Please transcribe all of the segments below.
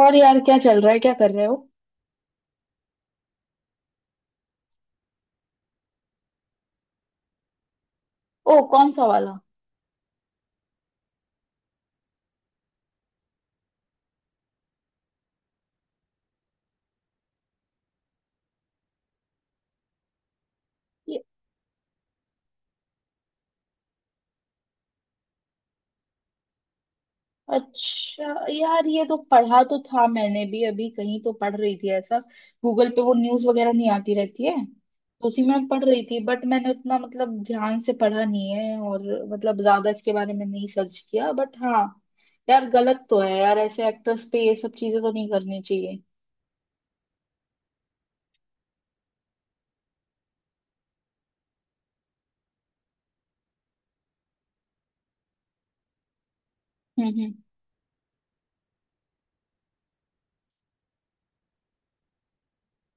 और यार, क्या चल रहा है, क्या कर रहे हो? ओ, कौन सा वाला? ये। अच्छा। यार, ये तो पढ़ा तो था मैंने भी, अभी कहीं तो पढ़ रही थी ऐसा। गूगल पे वो न्यूज़ वगैरह नहीं आती रहती है, तो उसी में पढ़ रही थी, बट मैंने उतना मतलब ध्यान से पढ़ा नहीं है। और मतलब ज्यादा इसके बारे में नहीं सर्च किया, बट हाँ। यार, गलत तो है यार, ऐसे एक्टर्स पे ये सब चीजें तो नहीं करनी चाहिए। हम्म, हम्म,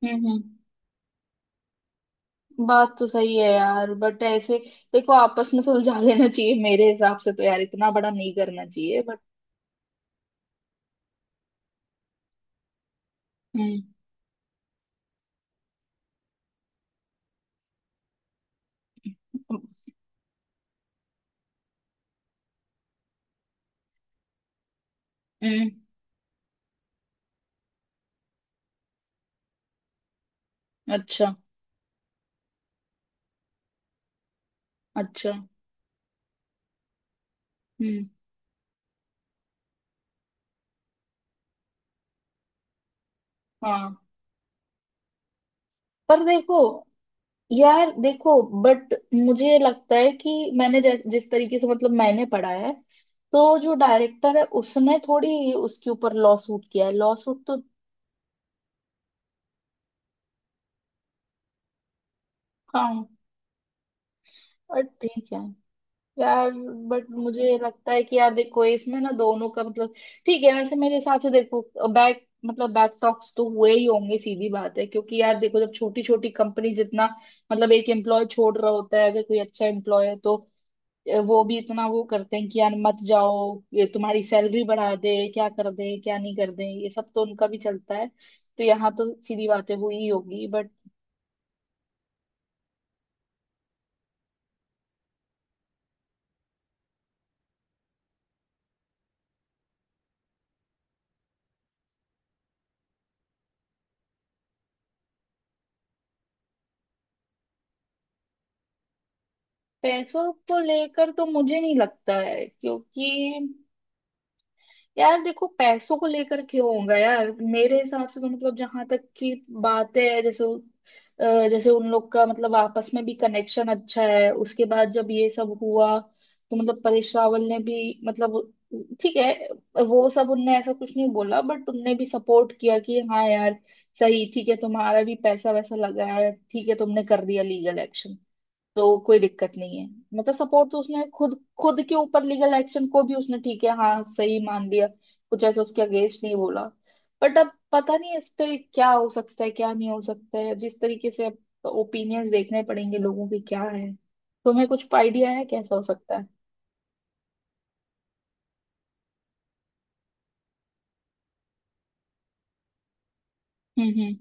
हम्म, हम्म। बात तो सही है यार, बट ऐसे देखो, आपस में सुलझा लेना चाहिए मेरे हिसाब से, तो यार इतना बड़ा नहीं करना चाहिए बट। हम्म, हम्म। अच्छा। अच्छा। हम्म। हाँ। पर देखो, यार देखो बट मुझे लगता है कि मैंने जिस तरीके से मतलब मैंने पढ़ा है, तो जो डायरेक्टर है उसने थोड़ी उसके ऊपर लॉ सूट किया है, लॉ सूट तो? हाँ। और ठीक है यार, बट मुझे लगता है कि यार देखो इसमें ना दोनों का मतलब। ठीक है, वैसे मेरे हिसाब से देखो, बैक मतलब बैक टॉक्स तो हुए ही होंगे, सीधी बात है, क्योंकि यार देखो जब छोटी छोटी कंपनी जितना मतलब एक एम्प्लॉय छोड़ रहा होता है, अगर कोई अच्छा एम्प्लॉय है तो वो भी इतना वो करते हैं कि यार मत जाओ, ये तुम्हारी सैलरी बढ़ा दे, क्या कर दे, क्या नहीं कर दे, ये सब तो उनका भी चलता है, तो यहाँ तो सीधी बातें हुई ही होगी बट। पैसों को लेकर तो मुझे नहीं लगता है, क्योंकि यार देखो, पैसों को लेकर क्यों होगा यार, मेरे हिसाब से तो मतलब जहां तक की बात है, जैसे उन लोग का मतलब आपस में भी कनेक्शन अच्छा है, उसके बाद जब ये सब हुआ तो मतलब परेश रावल ने भी मतलब ठीक है, वो सब उनने ऐसा कुछ नहीं बोला, बट उनने भी सपोर्ट किया कि हाँ यार सही, ठीक है, तुम्हारा भी पैसा वैसा लगा है, ठीक है, तुमने कर दिया लीगल एक्शन, तो कोई दिक्कत नहीं है। मतलब सपोर्ट तो उसने खुद खुद के ऊपर लीगल एक्शन को भी उसने ठीक है, हाँ सही मान लिया, कुछ ऐसा उसके अगेंस्ट नहीं बोला। बट अब पता नहीं इस पे क्या हो सकता है, क्या नहीं हो सकता है, जिस तरीके से अब ओपिनियंस देखने पड़ेंगे, लोगों के क्या है। तुम्हें कुछ आइडिया है कैसा हो सकता है? हम्म, हम्म।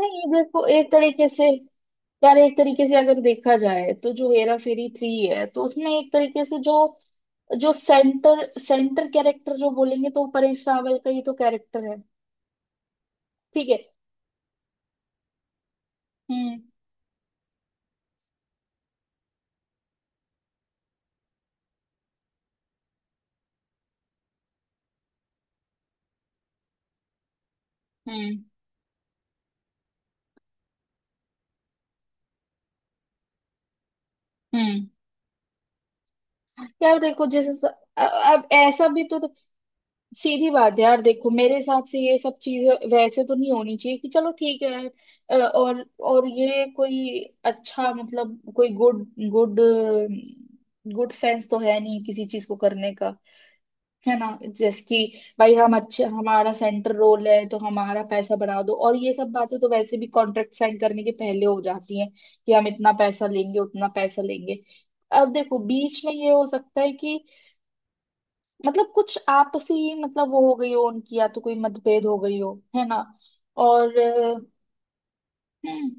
नहीं देखो, एक तरीके से यार, एक तरीके से अगर देखा जाए तो जो हेरा फेरी थ्री है, तो उसमें एक तरीके से जो जो सेंटर सेंटर कैरेक्टर जो बोलेंगे तो वो परेश रावल का ही तो कैरेक्टर है। ठीक है। हम्म, हम्म, हम्म। यार देखो अ- अब ऐसा भी तो सीधी बात है यार, देखो मेरे हिसाब से ये सब चीजें वैसे तो नहीं होनी चाहिए कि चलो ठीक है। अ, और और ये कोई अच्छा मतलब कोई गुड गुड गुड सेंस तो है नहीं किसी चीज को करने का, है ना। जैसे कि भाई हम अच्छे, हमारा सेंटर रोल है तो हमारा पैसा बढ़ा दो, और ये सब बातें तो वैसे भी कॉन्ट्रैक्ट साइन करने के पहले हो जाती हैं कि हम इतना पैसा लेंगे, उतना पैसा लेंगे। अब देखो, बीच में ये हो सकता है कि मतलब कुछ आपसी ही मतलब वो हो गई हो उनकी, या तो कोई मतभेद हो गई हो, है ना। और हम्म,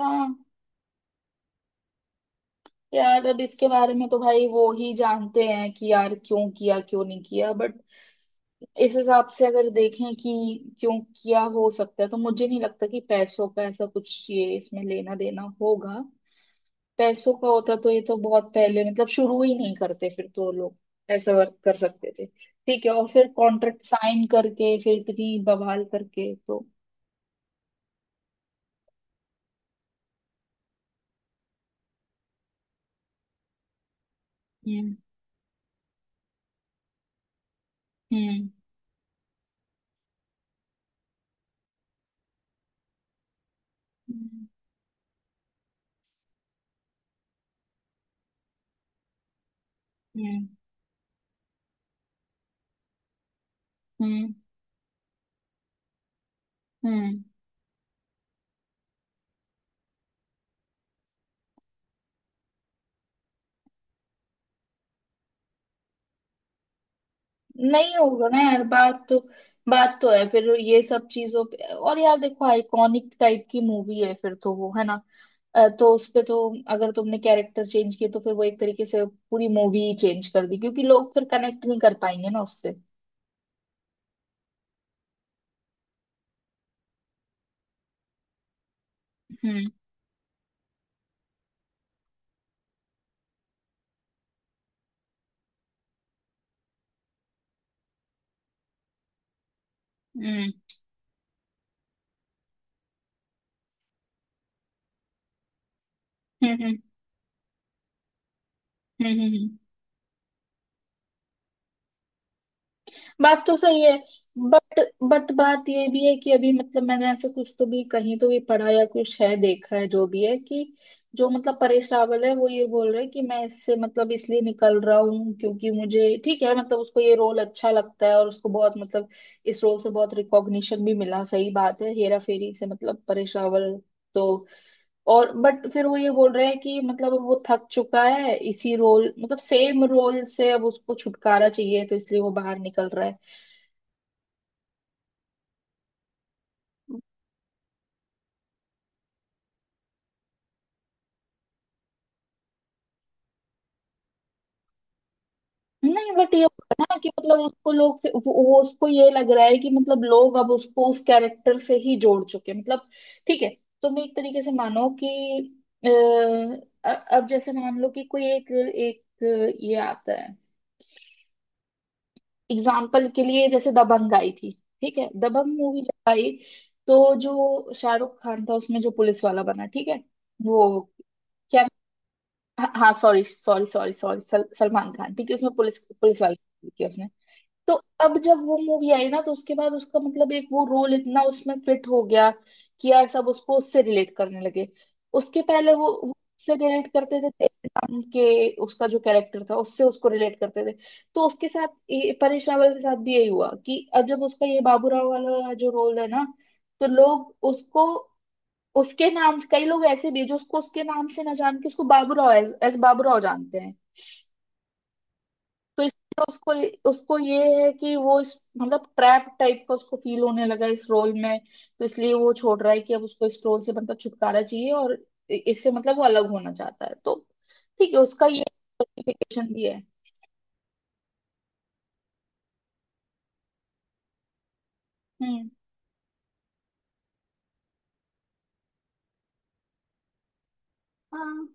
हाँ। यार अब इसके बारे में तो भाई वो ही जानते हैं कि यार क्यों किया, क्यों नहीं किया, बट इस हिसाब से अगर देखें कि क्यों किया, हो सकता है तो मुझे नहीं लगता कि पैसों का ऐसा कुछ ये इसमें लेना देना होगा। पैसों का होता तो ये तो बहुत पहले मतलब शुरू ही नहीं करते, फिर तो लोग ऐसा वर्क कर सकते थे, ठीक है, और फिर कॉन्ट्रैक्ट साइन करके फिर इतनी बवाल करके तो। हम्म, हम्म, हम्म, हम्म, हम्म, हम्म। नहीं होगा ना यार, बात तो है फिर ये सब चीजों पे, और यार देखो, आइकॉनिक टाइप की मूवी है फिर तो वो, है ना। तो उसपे तो अगर तुमने कैरेक्टर चेंज किए तो फिर वो एक तरीके से पूरी मूवी ही चेंज कर दी, क्योंकि लोग फिर कनेक्ट नहीं कर पाएंगे ना उससे। हम्म, हम्म, हम्म, हम्म, हम्म, हम्म, हम्म। बात तो सही है, बट बट बात ये भी है कि अभी मतलब मैंने ऐसे कुछ तो भी कहीं तो भी पढ़ा या कुछ है देखा है जो भी है कि जो मतलब परेश रावल है वो ये बोल रहे हैं कि मैं इससे मतलब इसलिए निकल रहा हूँ, क्योंकि मुझे ठीक है मतलब उसको ये रोल अच्छा लगता है, और उसको बहुत मतलब इस रोल से बहुत रिकॉग्निशन भी मिला, सही बात है, हेरा फेरी से मतलब परेश रावल, तो और बट फिर वो ये बोल रहे हैं कि मतलब अब वो थक चुका है इसी रोल मतलब सेम रोल से, अब उसको छुटकारा चाहिए, तो इसलिए वो बाहर निकल रहा है। नहीं बट ये होगा ना कि मतलब उसको लोग उसको ये लग रहा है कि मतलब लोग अब उसको उस कैरेक्टर से ही जोड़ चुके हैं मतलब ठीक है, तुम एक तरीके से मानो कि अ, अब जैसे मान लो कि कोई एक एक ये आता है एग्जाम्पल के लिए, जैसे दबंग आई थी। ठीक है, दबंग मूवी जब आई तो जो शाहरुख खान था उसमें जो पुलिस वाला बना, ठीक है, वो? क्या? हाँ sorry, sorry, sorry, sorry, Salman Khan ठीक है, उसमें पुलिस पुलिस वाला किया उसने। तो अब जब वो मूवी आई ना तो उसके बाद उसका मतलब एक वो रोल इतना उसमें फिट हो गया कि यार सब उसको उससे रिलेट करने लगे। उसके पहले वो उससे रिलेट करते थे तेरे नाम के, उसका जो कैरेक्टर था उससे उसको रिलेट करते थे। तो उसके साथ परेश रावल के साथ भी यही हुआ कि अब जब उसका ये बाबूराव वाला जो रोल है ना, तो लोग उसको उसके नाम, कई लोग ऐसे भी हैं जो उसको उसके नाम से ना जान के उसको बाबूराव एज एज बाबूराव जानते हैं। तो इसलिए उसको उसको ये है कि वो इस मतलब ट्रैप टाइप का उसको फील होने लगा इस रोल में, तो इसलिए वो छोड़ रहा है कि अब उसको इस रोल से मतलब छुटकारा चाहिए, और इससे मतलब वो अलग होना चाहता है, तो ठीक है, उसका ये implication भी है। हम्म। हाँ।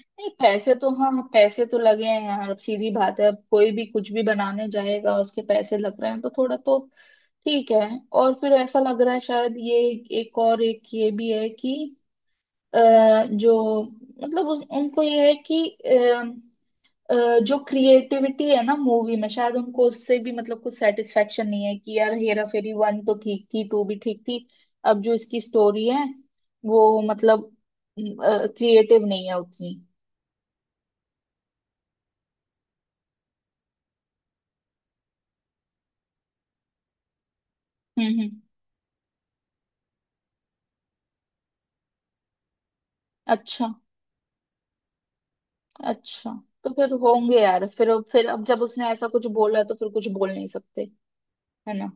नहीं, पैसे तो, हाँ, पैसे तो लगे हैं यार, अब सीधी बात है, अब कोई भी कुछ भी बनाने जाएगा उसके पैसे लग रहे हैं, तो थोड़ा तो ठीक है। और फिर ऐसा लग रहा है, शायद ये एक और एक ये भी है कि अ, जो मतलब उनको ये है कि जो क्रिएटिविटी है ना मूवी में, शायद उनको उससे भी मतलब कुछ सेटिस्फेक्शन नहीं है कि यार हेरा फेरी वन तो ठीक थी, टू भी ठीक थी, अब जो इसकी स्टोरी है वो मतलब क्रिएटिव नहीं है उतनी। हम्म, अच्छा, अच्छा। तो फिर होंगे यार, फिर अब जब उसने ऐसा कुछ बोला है तो फिर कुछ बोल नहीं सकते, है ना।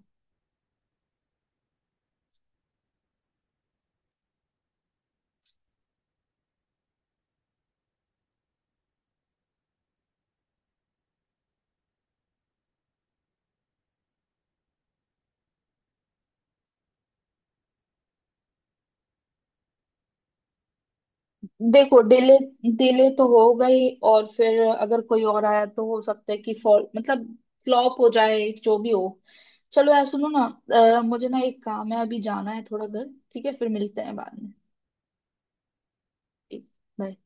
देखो, डिले डिले तो हो गई, और फिर अगर कोई और आया तो हो सकता है कि फॉल मतलब फ्लॉप हो जाए, जो भी हो। चलो यार, सुनो ना, मुझे ना एक काम है, अभी जाना है थोड़ा घर। ठीक है, फिर मिलते हैं बाद में। ठीक। बाय।